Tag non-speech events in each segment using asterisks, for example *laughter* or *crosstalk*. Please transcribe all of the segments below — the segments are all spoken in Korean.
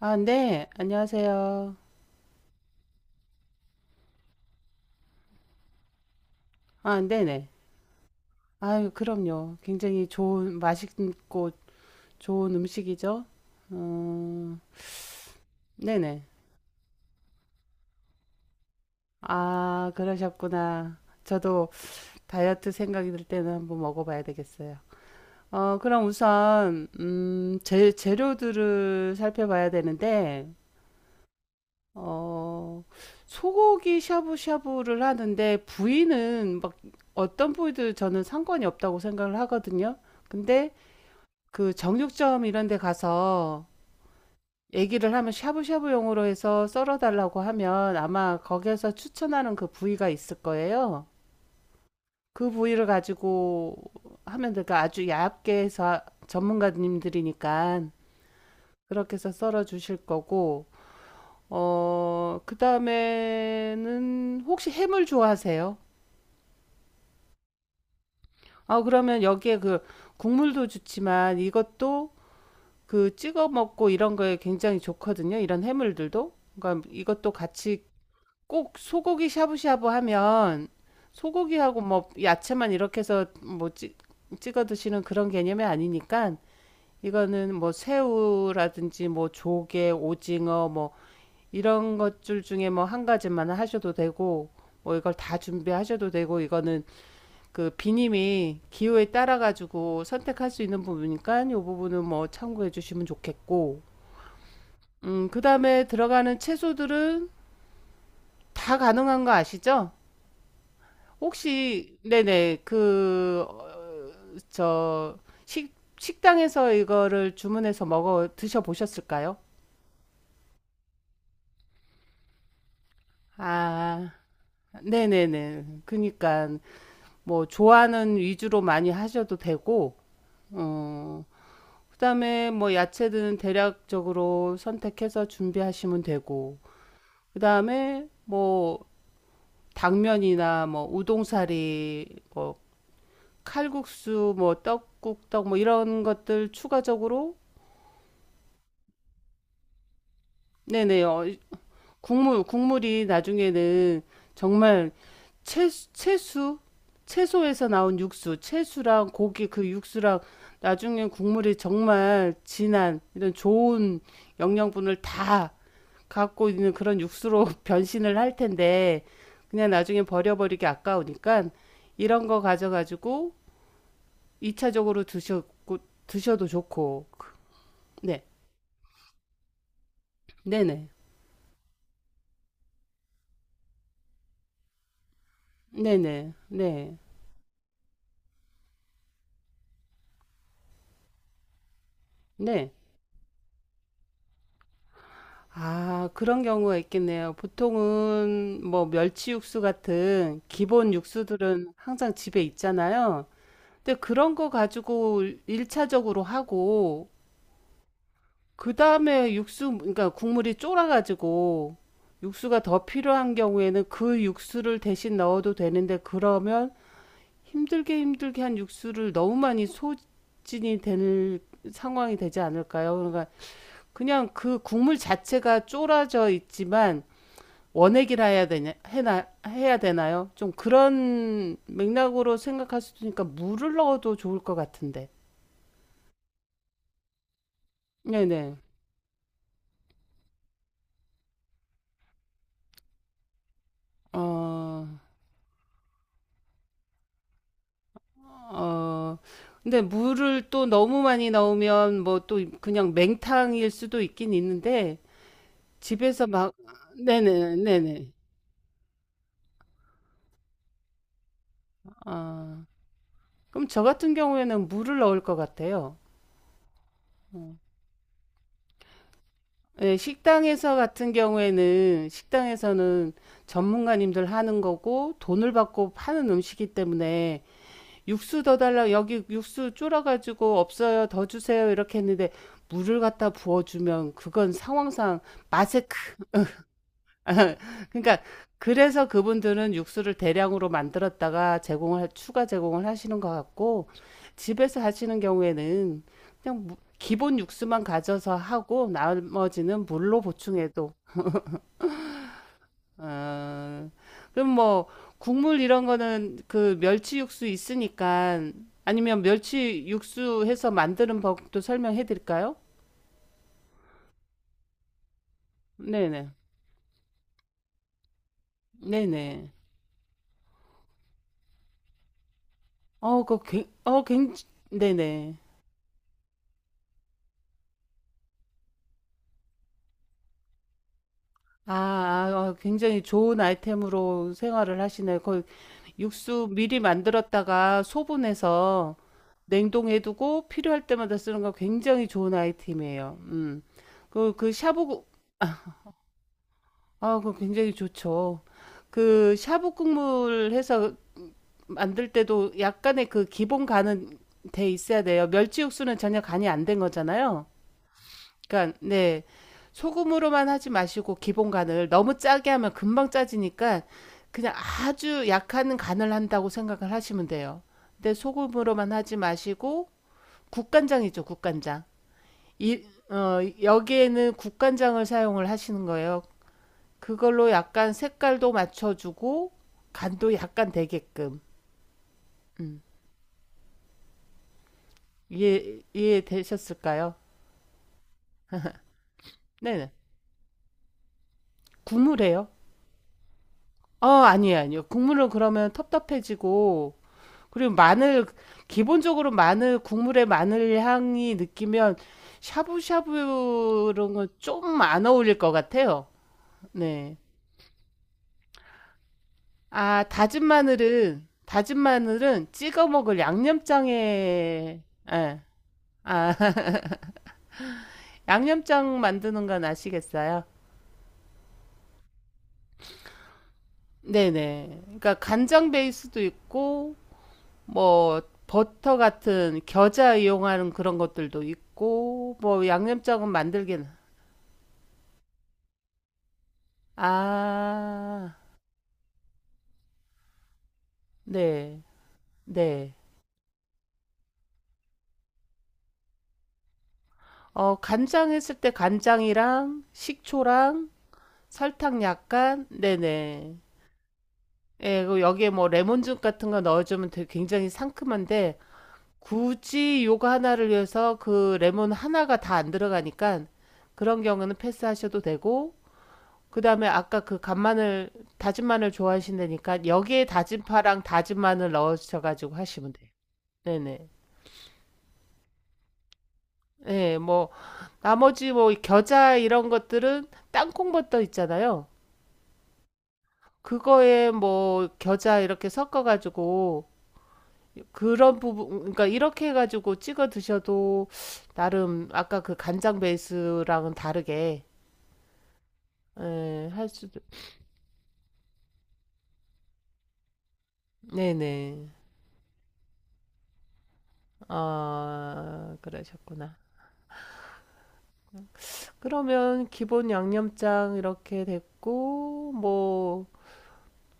아, 네, 안녕하세요. 아, 네네. 아유, 그럼요. 굉장히 좋은, 맛있고 좋은 음식이죠. 음, 네네. 아, 그러셨구나. 저도 다이어트 생각이 들 때는 한번 먹어봐야 되겠어요. 그럼 우선, 재료들을 살펴봐야 되는데, 어, 소고기 샤브샤브를 하는데, 부위는 막 어떤 부위도 저는 상관이 없다고 생각을 하거든요. 근데, 그 정육점 이런 데 가서 얘기를 하면 샤브샤브용으로 해서 썰어달라고 하면 아마 거기에서 추천하는 그 부위가 있을 거예요. 그 부위를 가지고 하면 될까? 아주 얇게 해서 아, 전문가님들이니까 그렇게 해서 썰어 주실 거고, 그 다음에는 혹시 해물 좋아하세요? 아, 그러면 여기에 그 국물도 좋지만 이것도 그 찍어 먹고 이런 거에 굉장히 좋거든요. 이런 해물들도. 그러니까 이것도 같이 꼭 소고기 샤브샤브 하면 소고기하고 뭐 야채만 이렇게 해서 찍어 드시는 그런 개념이 아니니까 이거는 뭐 새우라든지 뭐 조개, 오징어 뭐 이런 것들 중에 뭐 한 가지만 하셔도 되고 뭐 이걸 다 준비하셔도 되고 이거는 그 비님이 기호에 따라 가지고 선택할 수 있는 부분이니까 이 부분은 뭐 참고해 주시면 좋겠고 그다음에 들어가는 채소들은 다 가능한 거 아시죠? 혹시 네네 그 어, 저 식 식당에서 이거를 주문해서 먹어 드셔 보셨을까요? 아, 네네네. 그니까 뭐 좋아하는 위주로 많이 하셔도 되고, 어, 그다음에 뭐 야채들은 대략적으로 선택해서 준비하시면 되고, 그다음에 뭐 당면이나 뭐 우동사리, 뭐 칼국수, 뭐 떡국떡 뭐 이런 것들 추가적으로 네네 국물이 나중에는 정말 채수 채소에서 나온 육수 채수랑 고기 그 육수랑 나중에 국물이 정말 진한 이런 좋은 영양분을 다 갖고 있는 그런 육수로 *laughs* 변신을 할 텐데 그냥 나중에 버려버리기 아까우니까 이런 거 가져가지고 이차적으로 드셔도 좋고 네. 네네. 네네. 네. 네. 아 그런 경우가 있겠네요. 보통은 뭐 멸치 육수 같은 기본 육수들은 항상 집에 있잖아요. 근데 그런 거 가지고 일차적으로 하고 그다음에 육수 그러니까 국물이 쫄아 가지고 육수가 더 필요한 경우에는 그 육수를 대신 넣어도 되는데 그러면 힘들게 힘들게 한 육수를 너무 많이 소진이 될 상황이 되지 않을까요? 그러니까 그냥 그 국물 자체가 쫄아져 있지만 원액이라 해야 되냐 해나 해야 되나요? 좀 그런 맥락으로 생각할 수도 있으니까 물을 넣어도 좋을 것 같은데. 네네. 어, 어. 근데 물을 또 너무 많이 넣으면 뭐 또 그냥 맹탕일 수도 있긴 있는데 집에서 막 네네 네네. 아, 그럼 저 같은 경우에는 물을 넣을 것 같아요. 어. 네 식당에서 같은 경우에는 식당에서는 전문가님들 하는 거고 돈을 받고 파는 음식이기 때문에 육수 더 달라 여기 육수 줄어가지고 없어요 더 주세요 이렇게 했는데 물을 갖다 부어주면 그건 상황상 맛에 크 *laughs* 그러니까 그래서 그분들은 육수를 대량으로 만들었다가 추가 제공을 하시는 것 같고 집에서 하시는 경우에는 그냥 기본 육수만 가져서 하고 나머지는 물로 보충해도 아, 그럼 뭐 국물 이런 거는 그 멸치 육수 있으니까 아니면 멸치 육수 해서 만드는 법도 설명해 드릴까요? 네네. 네네. 어, 그, 굉- 어, 굉, 네네. 아, 굉장히 좋은 아이템으로 생활을 하시네요. 그 육수 미리 만들었다가 소분해서 냉동해두고 필요할 때마다 쓰는 거 굉장히 좋은 아이템이에요. 음. 그, 그 샤브, 그 굉장히 좋죠. 그 샤브 국물 해서 만들 때도 약간의 그 기본 간은 돼 있어야 돼요. 멸치 육수는 전혀 간이 안 된 거잖아요. 그러니까 네. 소금으로만 하지 마시고 기본 간을 너무 짜게 하면 금방 짜지니까 그냥 아주 약한 간을 한다고 생각을 하시면 돼요. 근데 소금으로만 하지 마시고 국간장이죠, 국간장. 이, 여기에는 국간장을 사용을 하시는 거예요. 그걸로 약간 색깔도 맞춰주고 간도 약간 되게끔 음. 이해되셨을까요? 네네 국물이에요. 어 아니에요 아니요 국물은 그러면 텁텁해지고 그리고 마늘 기본적으로 마늘 국물에 마늘 향이 느끼면 샤브샤브 이런 건좀 안 어울릴 것 같아요. 네. 아 다진 마늘은 찍어 먹을 양념장에 예. 아 양념장 만드는 건 아시겠어요? 네네. 그러니까 간장 베이스도 있고, 뭐, 버터 같은 겨자 이용하는 그런 것들도 있고, 뭐, 양념장은 만들긴, 아, 네, 네. 간장 했을 때 간장이랑 식초랑 설탕 약간, 네네. 예, 그리고 여기에 뭐 레몬즙 같은 거 넣어주면 되게 굉장히 상큼한데, 굳이 요거 하나를 위해서 그 레몬 하나가 다 안 들어가니까 그런 경우는 패스하셔도 되고 그다음에 아까 그 간마늘 다진 마늘 좋아하신다니까 여기에 다진 파랑 다진 마늘 넣으셔 가지고 하시면 돼요. 네네. 네, 뭐 나머지 뭐 겨자 이런 것들은 땅콩버터 있잖아요. 그거에 뭐 겨자 이렇게 섞어 가지고 그런 부분 그러니까 이렇게 해 가지고 찍어 드셔도 나름 아까 그 간장 베이스랑은 다르게 예, 할 수도, 네네. 아, 그러셨구나. 그러면 기본 양념장 이렇게 됐고, 뭐,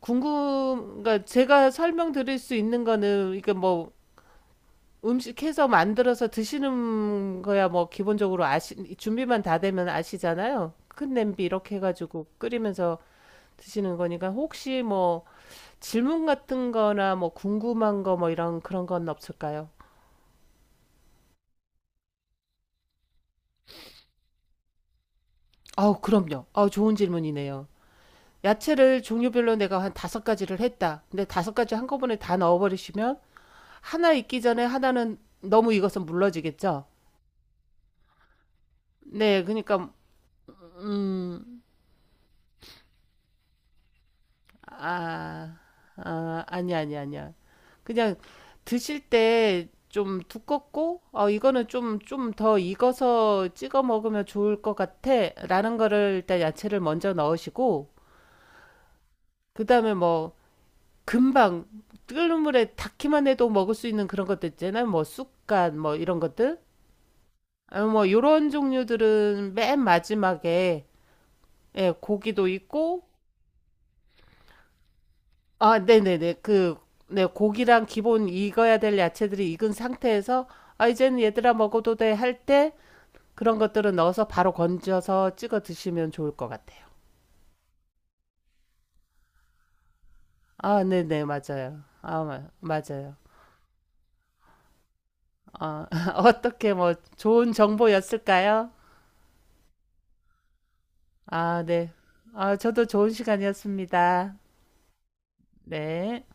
그러니까 제가 설명드릴 수 있는 거는, 이게 뭐, 음식해서 만들어서 드시는 거야, 뭐, 기본적으로 준비만 다 되면 아시잖아요. 큰 냄비 이렇게 해가지고 끓이면서 드시는 거니까, 혹시 뭐, 질문 같은 거나 뭐, 궁금한 거 뭐, 이런 그런 건 없을까요? 아우, 그럼요. 아우, 좋은 질문이네요. 야채를 종류별로 내가 한 다섯 가지를 했다. 근데 다섯 가지 한꺼번에 다 넣어버리시면 하나 익기 전에 하나는 너무 익어서 물러지겠죠? 네, 그러니까 음, 아, 아, 아니야, 아니야, 아니야. 그냥 드실 때 좀 두껍고, 이거는 좀 더 익어서 찍어 먹으면 좋을 것 같아. 라는 거를 일단 야채를 먼저 넣으시고, 그 다음에 뭐, 금방 끓는 물에 닿기만 해도 먹을 수 있는 그런 것들 있잖아요. 뭐 쑥갓 뭐 이런 것들. 아, 뭐 요런 종류들은 맨 마지막에 예, 고기도 있고 아, 네네네. 그 네, 고기랑 기본 익어야 될 야채들이 익은 상태에서 아, 이제는 얘들아 먹어도 돼 할 때 그런 것들은 넣어서 바로 건져서 찍어 드시면 좋을 것 같아요. 아, 네네, 맞아요. 아, 맞아요. 아, *laughs* 어떻게 뭐 좋은 정보였을까요? 아, 네. 아, 저도 좋은 시간이었습니다. 네.